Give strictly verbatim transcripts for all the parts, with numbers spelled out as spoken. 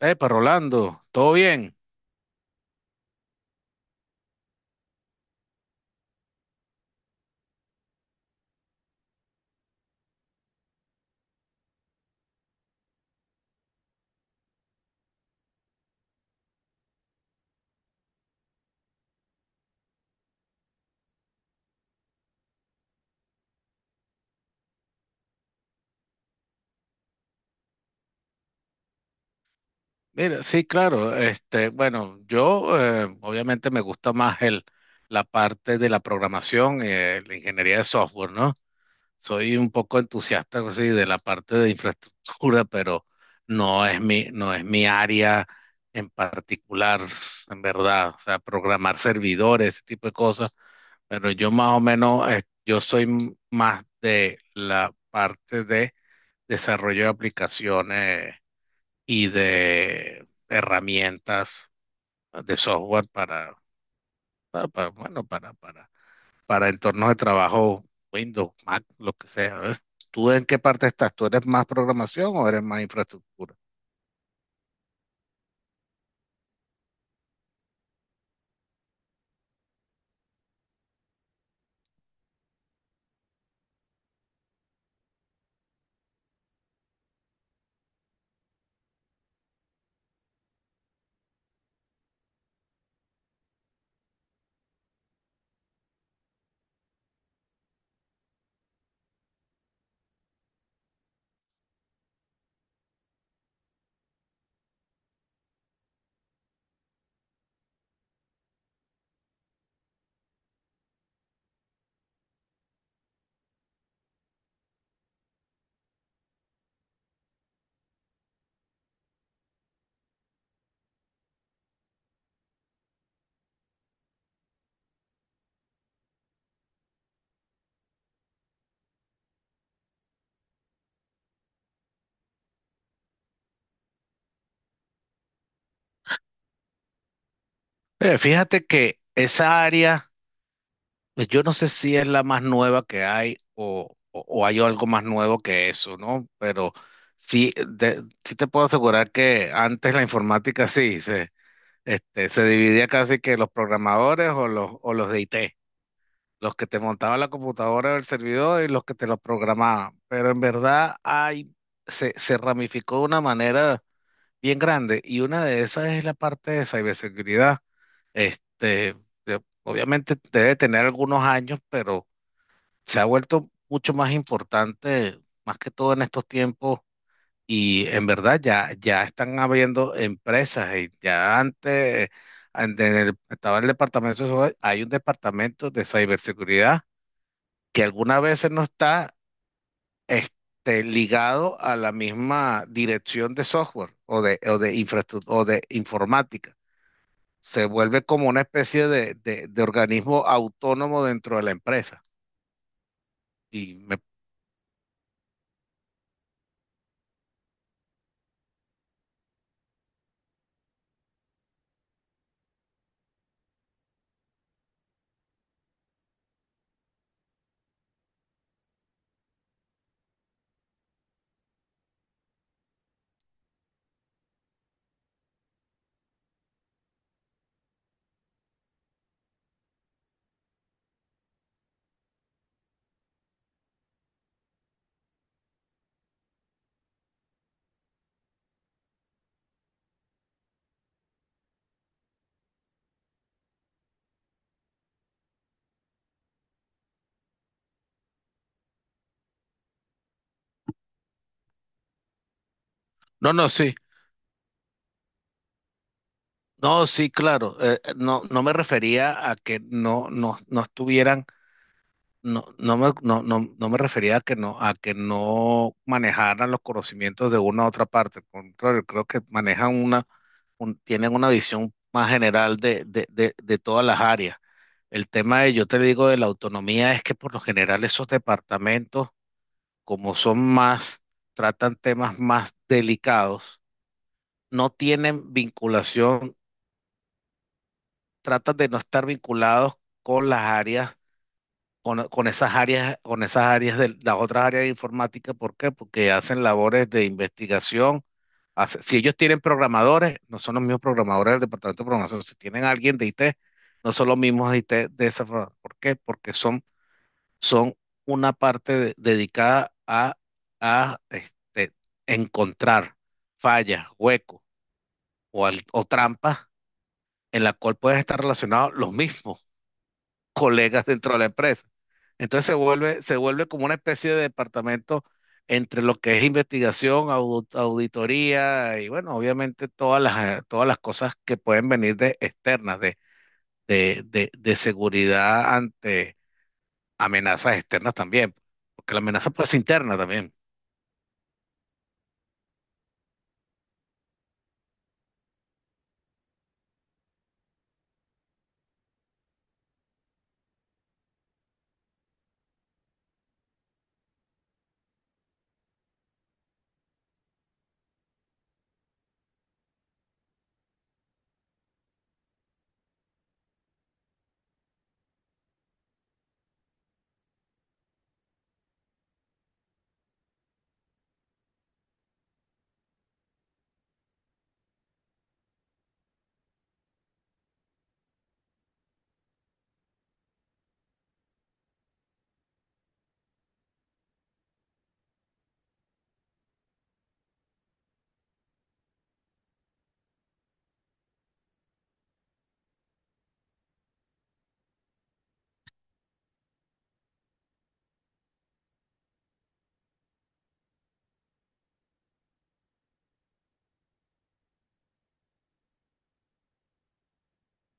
Epa, Rolando, ¿todo bien? Mira, sí, claro, este, bueno, yo eh, obviamente me gusta más el, la parte de la programación, eh, la ingeniería de software, ¿no? Soy un poco entusiasta así, de la parte de infraestructura, pero no es mi, no es mi área en particular, en verdad, o sea, programar servidores, ese tipo de cosas, pero yo más o menos, eh, yo soy m- más de la parte de desarrollo de aplicaciones y de herramientas de software para, para, para, bueno, para, para, para entornos de trabajo, Windows, Mac, lo que sea. ¿Ves? ¿Tú en qué parte estás? ¿Tú eres más programación o eres más infraestructura? Eh, fíjate que esa área, pues, yo no sé si es la más nueva que hay o, o- o hay algo más nuevo que eso, ¿no? Pero sí, de- sí te puedo asegurar que antes la informática sí se, este, se dividía casi que los programadores o los, o los de I T. Los que te montaban la computadora o el servidor y los que te lo programaban. Pero en verdad hay, se, se ramificó de una manera bien grande y una de esas es la parte de ciberseguridad. Este, de- obviamente debe tener algunos años, pero se ha vuelto mucho más importante, más que todo en estos tiempos. Y en verdad ya, ya están habiendo empresas y ya antes en el- estaba el departamento de, ciber- hay un departamento de ciberseguridad que algunas veces no está este, ligado a la misma dirección de software o de, o de infraestructura o de informática. Se vuelve como una especie de, de- de organismo autónomo dentro de la empresa. Y me- no, no, sí. No, sí, claro. Eh, eh, no, no me refería a que no, no, no estuvieran, no, no me, no, no, no me refería a que no, a que no manejaran los conocimientos de una a otra parte. Al contrario, creo que manejan una un- tienen una visión más general de, de, de, de todas las áreas. El tema de, yo te digo, de la autonomía es que por lo general esos departamentos, como son más, tratan temas más delicados, no tienen vinculación, tratan de no estar vinculados con las áreas con, con esas áreas, con esas áreas de las otras áreas de informática. ¿Por qué? Porque hacen labores de investigación. Hace- si ellos tienen programadores, no son los mismos programadores del departamento de programación. Si tienen alguien de I T, no son los mismos de I T de esa forma. ¿Por qué? Porque son, son una parte de- dedicada a, a este, encontrar fallas, huecos o, al- o trampas en la cual pueden estar relacionados los mismos colegas dentro de la empresa. Entonces se vuelve, se vuelve como una especie de departamento entre lo que es investigación, au- auditoría y bueno, obviamente todas las, todas las cosas que pueden venir de externas, de, de, de, de seguridad ante amenazas externas también, porque la amenaza puede ser interna también.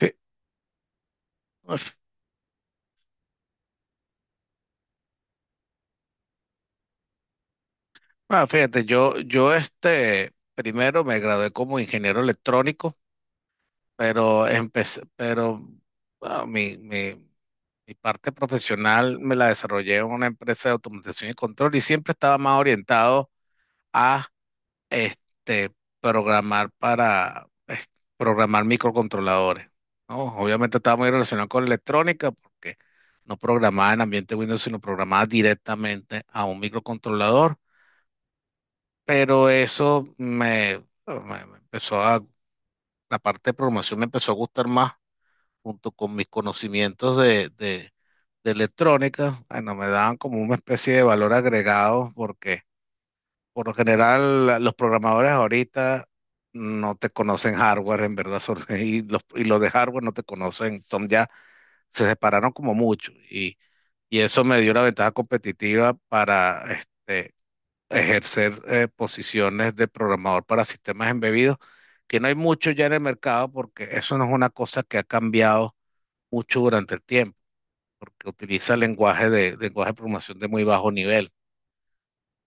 Sí. Ah, fíjate, yo, yo este, primero me gradué como ingeniero electrónico, pero empecé, pero bueno, mi, mi, mi parte profesional me la desarrollé en una empresa de automatización y control y siempre estaba más orientado a este, programar para es- programar microcontroladores, ¿no? Obviamente estaba muy relacionado con la electrónica porque no programaba en ambiente Windows, sino programaba directamente a un microcontrolador. Pero eso me, me- me empezó a, la parte de programación me empezó a gustar más, junto con mis conocimientos de, de, de electrónica, bueno, me daban como una especie de valor agregado, porque por lo general la- los programadores ahorita no te conocen hardware, en verdad, son, y los, y los de hardware no te conocen, son ya, se separaron como mucho, y, y eso me dio una ventaja competitiva para, este, ejercer eh, posiciones de programador para sistemas embebidos, que no hay mucho ya en el mercado porque eso no es una cosa que ha cambiado mucho durante el tiempo, porque utiliza lenguaje de, lenguaje de programación de muy bajo nivel.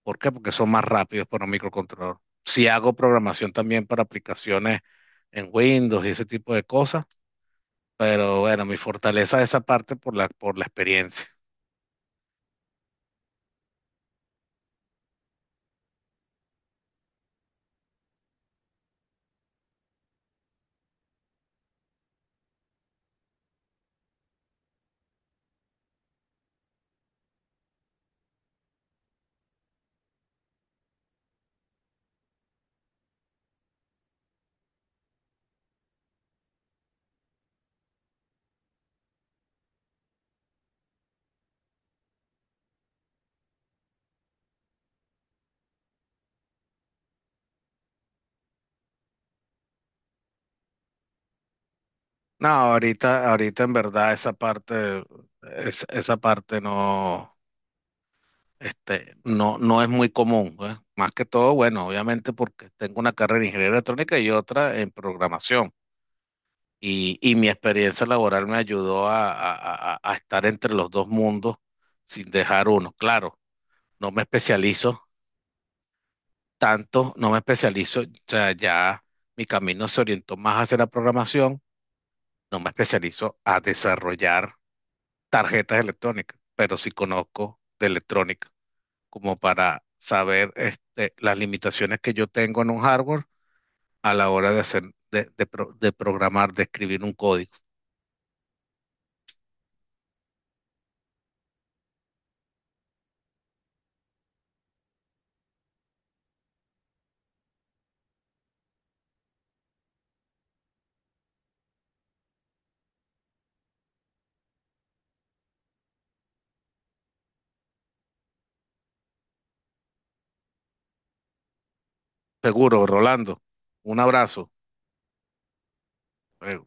¿Por qué? Porque son más rápidos para un microcontrolador. Si hago programación también para aplicaciones en Windows y ese tipo de cosas, pero bueno, mi fortaleza es esa parte por la, por la experiencia. No, ahorita, ahorita en verdad esa parte, es- esa parte no. Este, no, no es muy común, pues. Más que todo, bueno, obviamente porque tengo una carrera en ingeniería electrónica y otra en programación. Y, y mi experiencia laboral me ayudó a, a- a- a estar entre los dos mundos sin dejar uno. Claro, no me especializo tanto, no me especializo, o sea, ya mi camino se orientó más hacia la programación, no me especializo a desarrollar tarjetas electrónicas, pero sí conozco de electrónica. Como para saber este, las limitaciones que yo tengo en un hardware a la hora de hacer, de, de pro- de programar, de escribir un código. Seguro, Rolando, un abrazo. Eh,